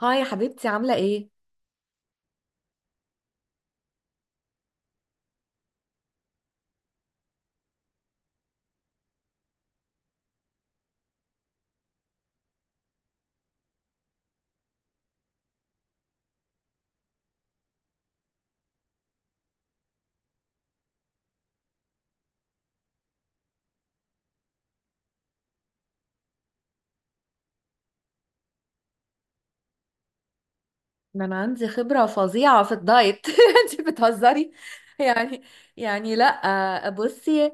هاي يا حبيبتي، عاملة ايه؟ ده انا عندي خبرة فظيعة في الدايت. انتي بتهزري يعني. لا بصي.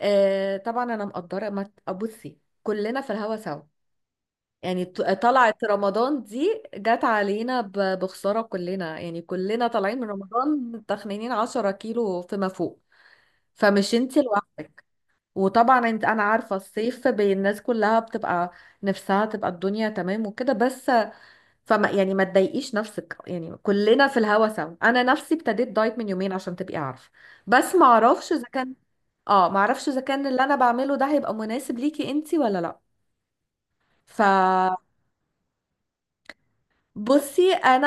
طبعا انا مقدرة. ما ت- بصي، كلنا في الهوا سوا. طلعت رمضان دي جت علينا بخسارة، كلنا يعني كلنا طالعين من رمضان تخنينين 10 كيلو فيما فوق. فمش انتي لوحدك. وطبعا انت انا عارفة الصيف بين الناس كلها بتبقى نفسها تبقى الدنيا تمام وكده. بس فما يعني ما تضايقيش نفسك، يعني كلنا في الهوا سوا. انا نفسي ابتديت دايت من يومين عشان تبقي عارفه. بس ما اعرفش اذا كان، اه، ما اعرفش اذا كان اللي انا بعمله ده هيبقى مناسب ليكي انتي ولا لا. فبصي، انا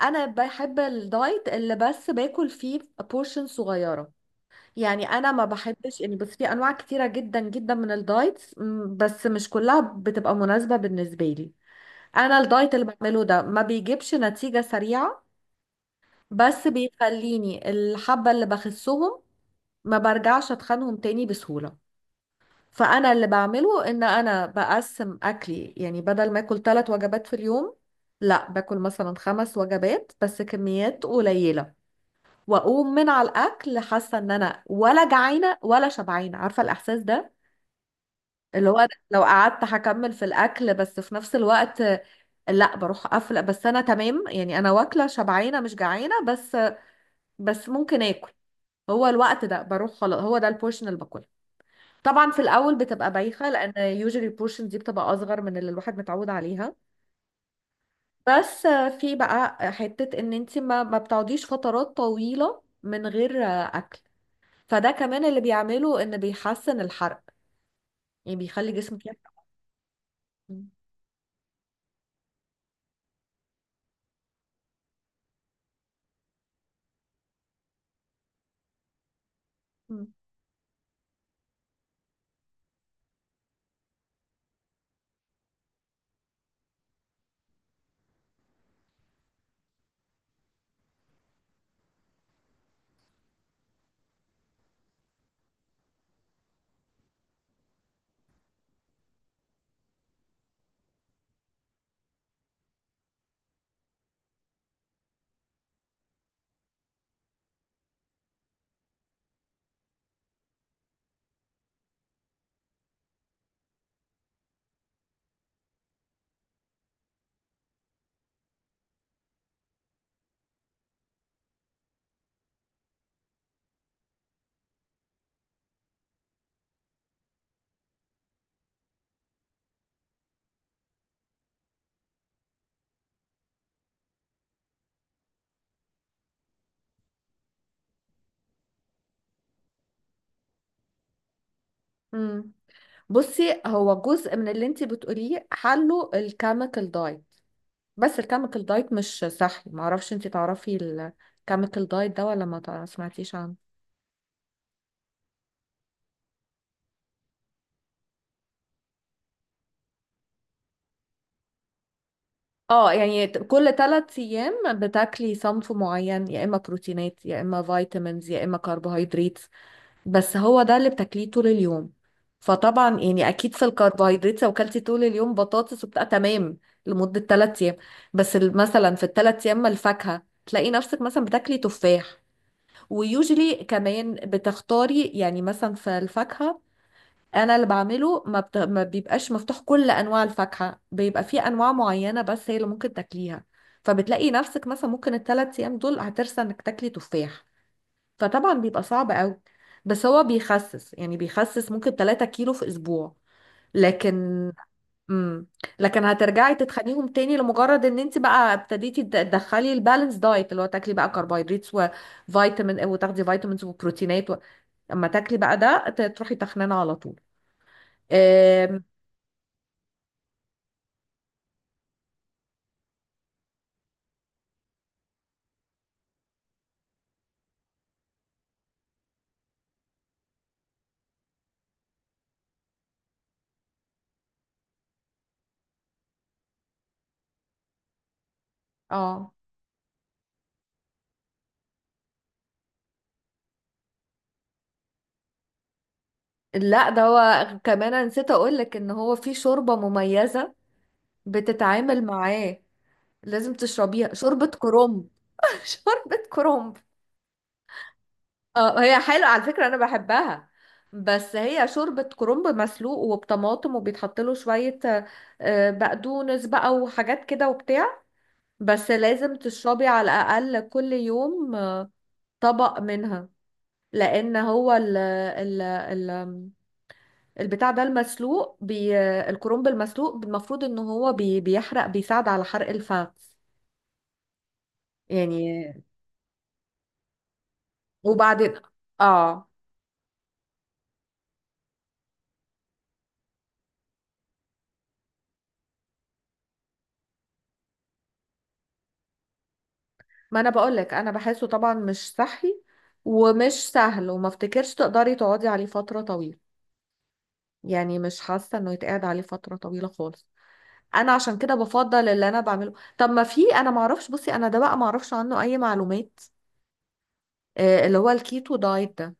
انا بحب الدايت اللي بس باكل فيه بورشن صغيره. يعني انا ما بحبش، يعني بس في انواع كتيره جدا جدا من الدايتس، بس مش كلها بتبقى مناسبه بالنسبه لي. انا الدايت اللي بعمله ده ما بيجيبش نتيجه سريعه، بس بيخليني الحبة اللي بخسهم ما برجعش اتخنهم تاني بسهولة. فأنا اللي بعمله إن أنا بقسم أكلي، يعني بدل ما أكل ثلاث وجبات في اليوم لا باكل مثلا خمس وجبات بس كميات قليلة. وأقوم من على الأكل حاسة إن أنا ولا جعانة ولا شبعانة، عارفة الإحساس ده؟ اللي هو لو قعدت هكمل في الأكل، بس في نفس الوقت لا بروح قافله. بس انا تمام، يعني انا واكله شبعانه مش جعانه، بس بس ممكن اكل. هو الوقت ده بروح، خلاص هو ده البورشن اللي باكلها. طبعا في الاول بتبقى بايخه لان يوجوالي البورشن دي بتبقى اصغر من اللي الواحد متعود عليها. بس في بقى حته ان انت ما بتقعديش فترات طويله من غير اكل. فده كمان اللي بيعمله ان بيحسن الحرق، يعني بيخلي جسمك يحرق. مم. مم. مم. بصي هو جزء من اللي انت بتقوليه حله الكيميكال دايت. بس الكيميكال دايت مش صحي، معرفش انت تعرفي الكيميكال دايت ده ولا ما تع- سمعتيش عنه. اه، يعني كل ثلاث ايام بتاكلي صنف معين، يا اما بروتينات يا اما فيتامينز يا اما كربوهيدرات. بس هو ده اللي بتاكليه طول اليوم. فطبعا يعني اكيد في الكربوهيدرات لو كلتي طول اليوم بطاطس وبتاع تمام لمدة ثلاث ايام. بس ال- مثلا في الثلاث ايام، ما الفاكهة تلاقي نفسك مثلا بتاكلي تفاح. ويوجلي كمان بتختاري يعني مثلا في الفاكهة. انا اللي بعمله ما بيبقاش مفتوح كل انواع الفاكهه، بيبقى في انواع معينه بس هي اللي ممكن تاكليها. فبتلاقي نفسك مثلا ممكن الثلاث ايام دول هترسى انك تاكلي تفاح. فطبعا بيبقى صعب قوي، بس هو بيخسس، يعني بيخسس ممكن 3 كيلو في اسبوع. لكن امم، لكن هترجعي تتخنيهم تاني لمجرد ان انت بقى ابتديتي تدخلي البالانس دايت، اللي هو تاكلي بقى كربوهيدرات وفيتامين وتاخدي فيتامينز وبروتينات و... اما تاكلي بقى ده تروحي تخنانه على طول. اه، لا ده هو كمان، أنا نسيت اقولك ان هو في شوربة مميزة بتتعامل معاه. لازم تشربيها شوربة كرنب. شوربة كرنب. اه هي حلوة على فكرة، انا بحبها. بس هي شوربة كرنب مسلوق وبطماطم، وبيتحط له شوية بقدونس بقى وحاجات كده وبتاع. بس لازم تشربي على الأقل كل يوم طبق منها. لأن هو ال البتاع ده المسلوق الكرنب المسلوق المفروض ان هو بيحرق، بيساعد على حرق الفم يعني. وبعدين، اه، ما انا بقولك انا بحسه طبعا مش صحي، ومش سهل، وما افتكرش تقدري تقعدي عليه فترة طويلة. يعني مش حاسة انه يتقعد عليه فترة طويلة خالص. انا عشان كده بفضل اللي انا بعمله. طب ما في، انا معرفش، بصي انا ده بقى معرفش عنه اي معلومات، آه، اللي هو الكيتو دايت ده،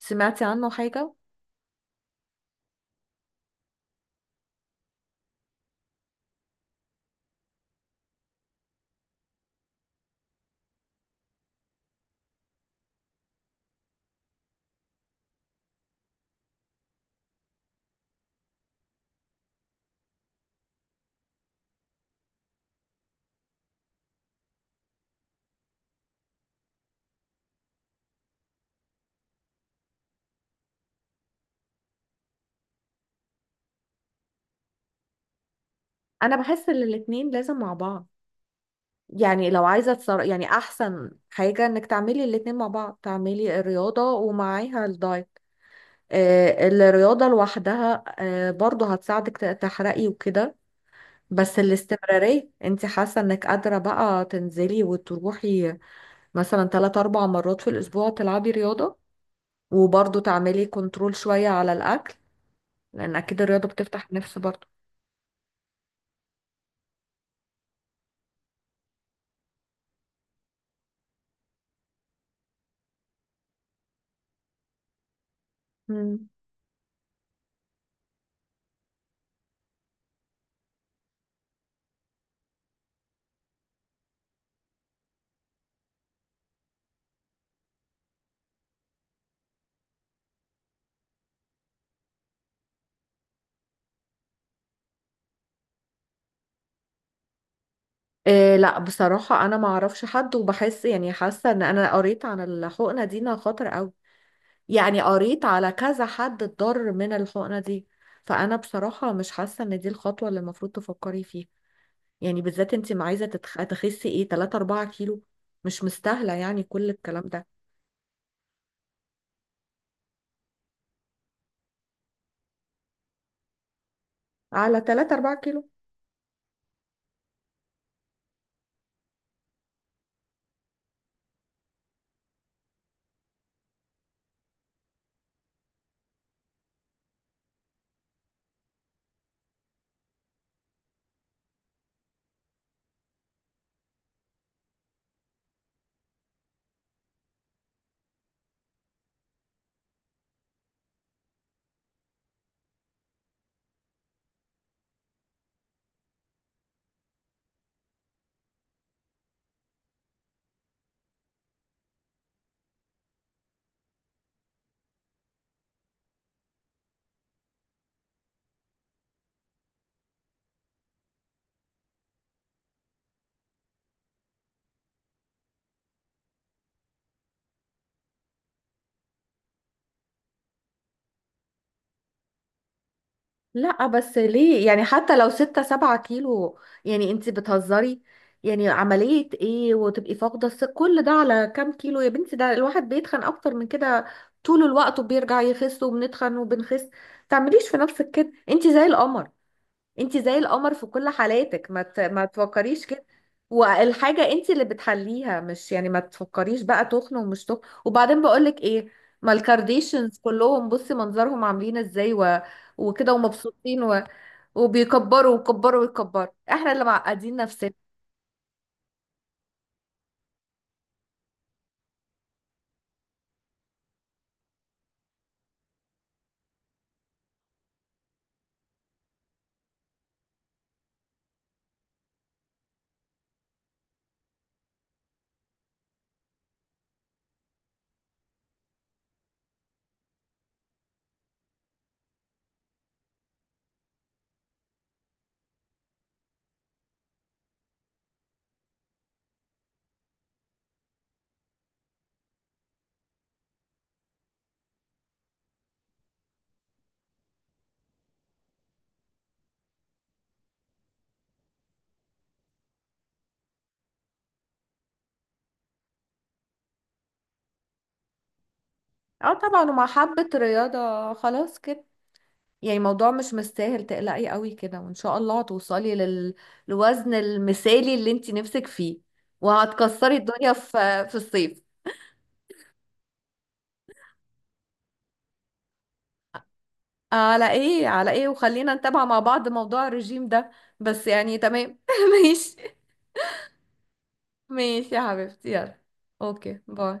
سمعتي عنه حاجة؟ انا بحس ان الاتنين لازم مع بعض. يعني لو عايزة يعني أحسن حاجة إنك تعملي الاتنين مع بعض، تعملي الرياضة ومعاها الدايت. الرياضة لوحدها برضو هتساعدك تحرقي وكده. بس الاستمرارية، انت حاسة انك قادرة بقى تنزلي وتروحي مثلا تلات أربع مرات في الأسبوع تلعبي رياضة وبرضو تعملي كنترول شوية على الأكل؟ لأن أكيد الرياضة بتفتح النفس برضو. مم. إيه، لا بصراحة أنا ما أعرفش حد، وبحس يعني حاسة إن أنا قريت عن الحقنة دي إنها خطر أوي. يعني قريت على كذا حد اتضر من الحقنة دي. فأنا بصراحة مش حاسة إن دي الخطوة اللي المفروض تفكري فيها. يعني بالذات انت ما عايزة تخسي ايه، 3 4 كيلو. مش مستاهلة يعني كل الكلام ده على 3 4 كيلو. لا بس ليه، يعني حتى لو 6 7 كيلو، يعني انت بتهزري. يعني عملية ايه وتبقي فاقدة كل ده على كام كيلو يا بنتي؟ ده الواحد بيتخن اكتر من كده طول الوقت وبيرجع يخس، وبنتخن وبنخس. تعمليش في نفسك كده، انت زي القمر. انت زي القمر في كل حالاتك، ما تفكريش كده. والحاجة انت اللي بتحليها، مش يعني، ما تفكريش بقى تخن ومش تخن. وبعدين بقولك ايه، ما الكارديشنز كلهم بصي منظرهم عاملين ازاي و... وكده ومبسوطين و... وبيكبروا ويكبروا ويكبروا. احنا اللي معقدين نفسنا. اه طبعا، ومع حبة رياضة خلاص كده. يعني الموضوع مش مستاهل تقلقي قوي كده، وان شاء الله هتوصلي لل... للوزن المثالي اللي انت نفسك فيه، وهتكسري الدنيا في الصيف. على ايه، على ايه، وخلينا نتابع مع بعض موضوع الرجيم ده، بس يعني تمام. ماشي. ماشي يا حبيبتي، يلا. اوكي، باي.